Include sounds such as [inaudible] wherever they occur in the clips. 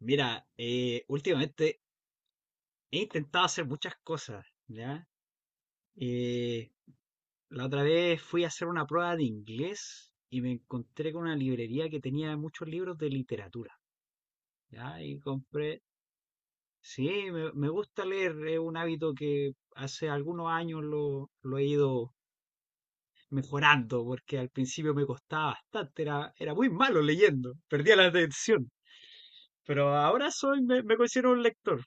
Mira, últimamente he intentado hacer muchas cosas, ¿ya? Eh, la otra vez fui a hacer una prueba de inglés y me encontré con una librería que tenía muchos libros de literatura, ¿ya? Y compré, sí, me gusta leer, es un hábito que hace algunos años lo he ido mejorando, porque al principio me costaba bastante, era muy malo leyendo, perdía la atención, pero ahora me considero un lector.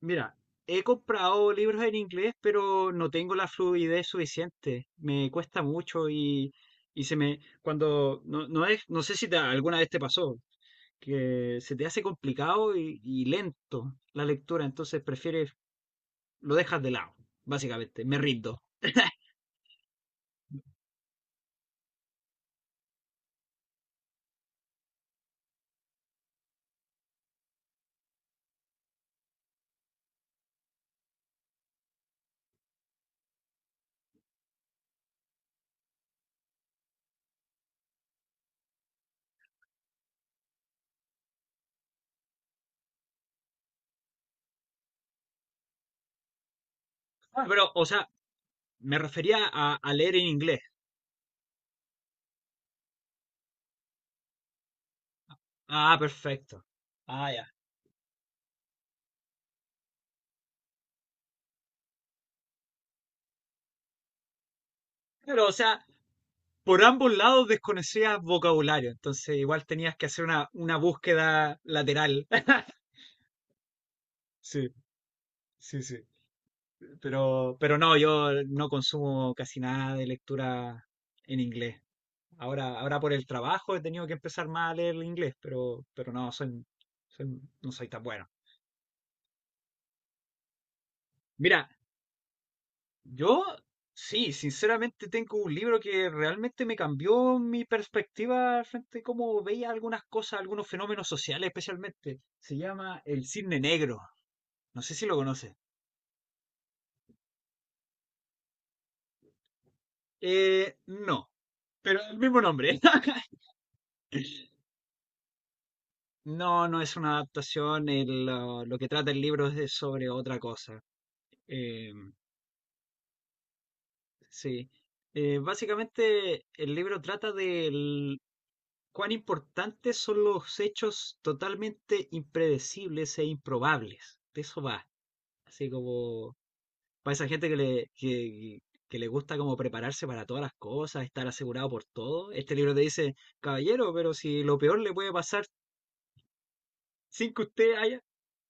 Mira, he comprado libros en inglés, pero no tengo la fluidez suficiente. Me cuesta mucho y se me, cuando, no, no es, no sé si alguna vez te pasó, que se te hace complicado y lento la lectura, entonces prefieres, lo dejas de lado, básicamente, me rindo. Ah, pero, o sea, me refería a leer en inglés. Ah, perfecto. Ah, ya. Pero, o sea, por ambos lados desconocías vocabulario, entonces igual tenías que hacer una búsqueda lateral. [laughs] Sí, sí, sí. Pero no, yo no consumo casi nada de lectura en inglés. Ahora por el trabajo he tenido que empezar más a leer el inglés, pero no, no soy tan bueno. Mira, yo sí, sinceramente tengo un libro que realmente me cambió mi perspectiva frente a cómo veía algunas cosas, algunos fenómenos sociales especialmente. Se llama El Cisne Negro. No sé si lo conoces. No, pero el mismo nombre. [laughs] No, no es una adaptación. Lo que trata el libro es sobre otra cosa. Eh, sí. Básicamente, el libro trata de cuán importantes son los hechos totalmente impredecibles e improbables. De eso va. Así como para esa gente que le gusta como prepararse para todas las cosas, estar asegurado por todo. Este libro te dice, caballero, pero si lo peor le puede pasar sin que usted haya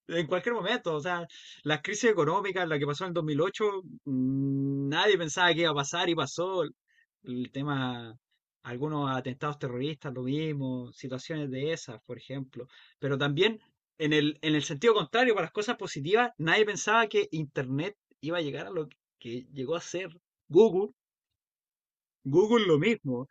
En cualquier momento, o sea, la crisis económica, la que pasó en el 2008, nadie pensaba que iba a pasar y pasó. El tema, algunos atentados terroristas, lo mismo, situaciones de esas, por ejemplo. Pero también, en el sentido contrario, para las cosas positivas, nadie pensaba que Internet iba a llegar a lo que llegó a ser Google. Google lo mismo.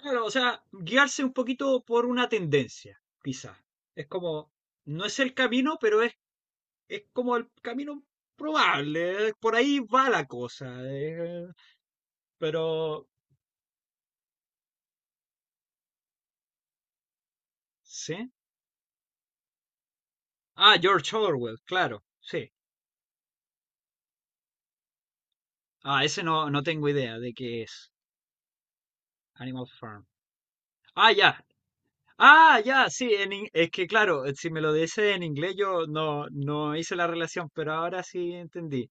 Claro, o sea, guiarse un poquito por una tendencia, quizás. Es como, no es el camino, es como el camino probable, por ahí va la cosa, pero sí. Ah, George Orwell, claro, sí. Ah, ese no, no tengo idea de qué es Animal Farm. Ah, ya. Ah, ya, sí, es que claro, si me lo dice en inglés yo no, no hice la relación, pero ahora sí entendí.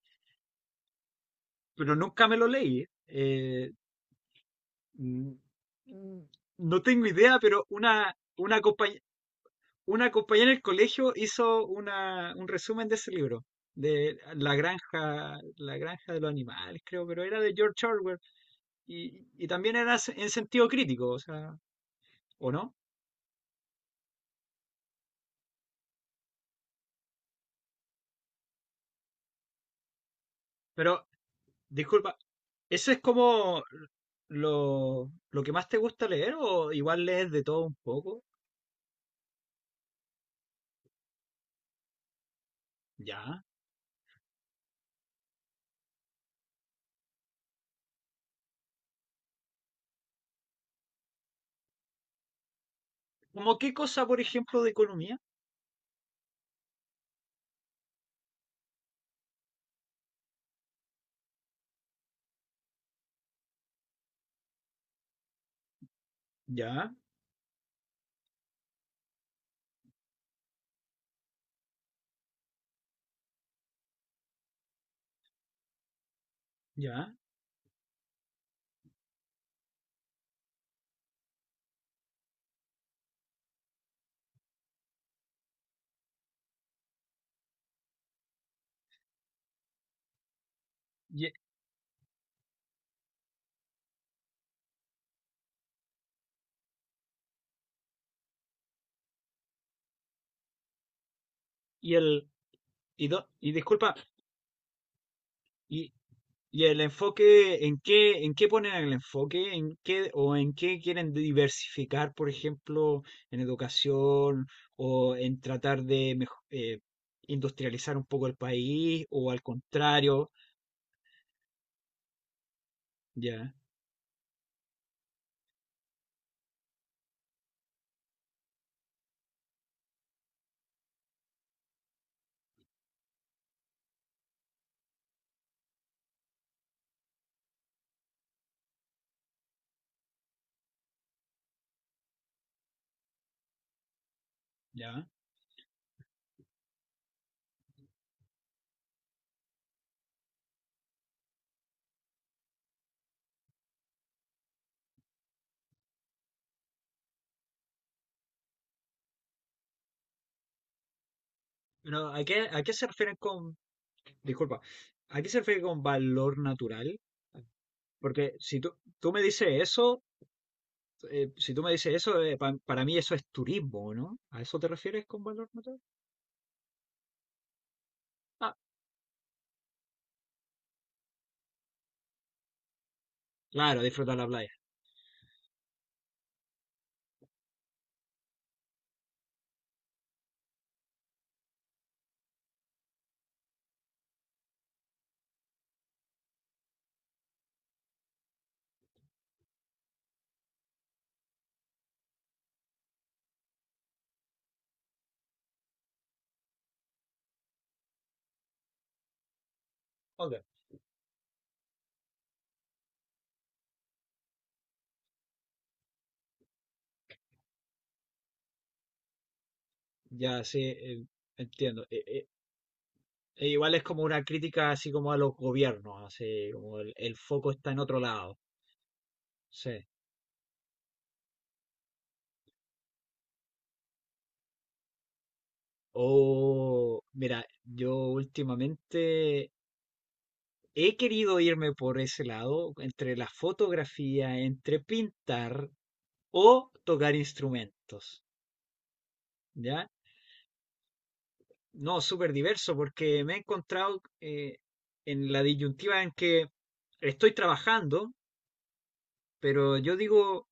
Pero nunca me lo leí. Mm, mm, no tengo idea, pero una compañía Una compañera en el colegio hizo una, un resumen de ese libro, de La granja de los animales, creo, pero era de George Orwell y también era en sentido crítico, o sea, ¿o no? Pero, disculpa, ¿eso es como lo que más te gusta leer o igual lees de todo un poco? Ya. ¿Cómo qué cosa, por ejemplo, de economía? Ya, ya. Y, y el, y, do- y disculpa, ¿y el enfoque en qué ponen el enfoque? ¿En qué o en qué quieren diversificar, por ejemplo, en educación o en tratar de industrializar un poco el país o al contrario? Ya, ya. Pero ¿a qué se refieren con, disculpa, ¿a qué se refiere con valor natural? Porque si tú, Tú me dices eso, si tú me dices eso, para mí eso es turismo, ¿no? ¿A eso te refieres con valor natural? Ah, claro, disfrutar la playa. Ok, ya sí, entiendo. E igual es como una crítica así como a los gobiernos, así como el foco está en otro lado. Sí. O, mira, yo últimamente he querido irme por ese lado, entre la fotografía, entre pintar o tocar instrumentos, ¿ya? No, súper diverso, porque me he encontrado en la disyuntiva en que estoy trabajando, pero yo digo,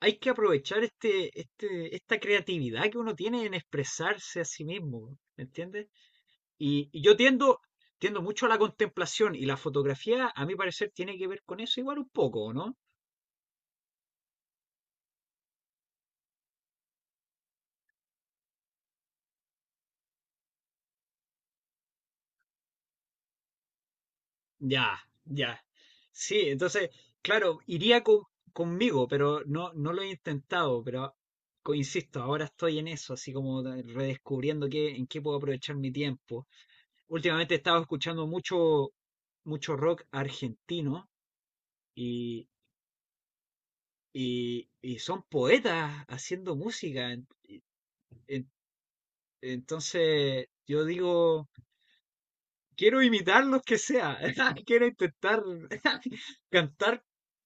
hay que aprovechar esta creatividad que uno tiene en expresarse a sí mismo, ¿me entiendes? Y, y yo tiendo, Tiendo mucho a la contemplación y la fotografía, a mi parecer, tiene que ver con eso igual un poco, ¿no? Ya, ya. Sí, entonces, claro, conmigo, pero no, no lo he intentado, pero insisto, ahora estoy en eso, así como redescubriendo qué, en qué puedo aprovechar mi tiempo. Últimamente he estado escuchando mucho rock argentino y, y son poetas haciendo música. En- entonces, yo digo... Quiero imitar los que sea. [laughs] Quiero intentar [laughs] cantar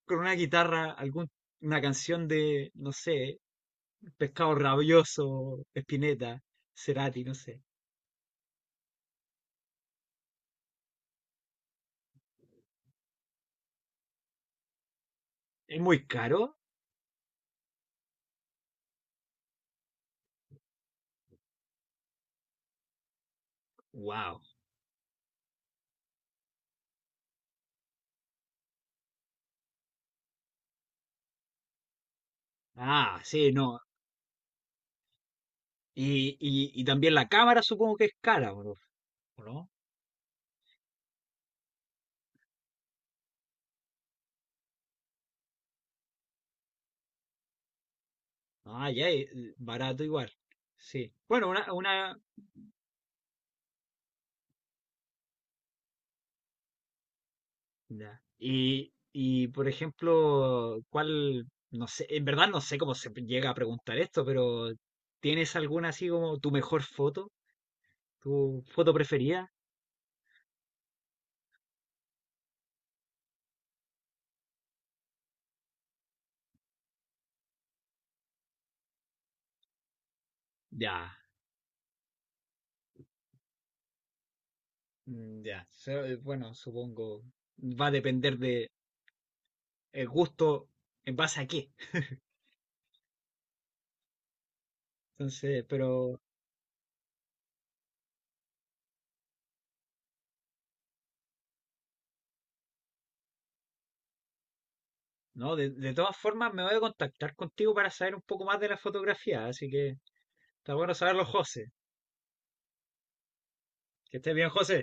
con una guitarra una canción de, no sé, Pescado Rabioso, Spinetta, Cerati, no sé. ¿Es muy caro? Wow. Ah, sí, no. Y también la cámara supongo que es cara, ¿o no? ¿O no? Ah, ya, barato igual. Sí. Bueno, una, Ya. Y, por ejemplo, ¿cuál, no sé, en verdad no sé cómo se llega a preguntar esto, pero ¿tienes alguna así como tu mejor foto? ¿Tu foto preferida? Ya, ya. Bueno, supongo, va a depender de el gusto en base a qué. [laughs] Entonces, pero no, de todas formas me voy a contactar contigo para saber un poco más de la fotografía, así que está bueno saberlo, José. Que estés bien, José.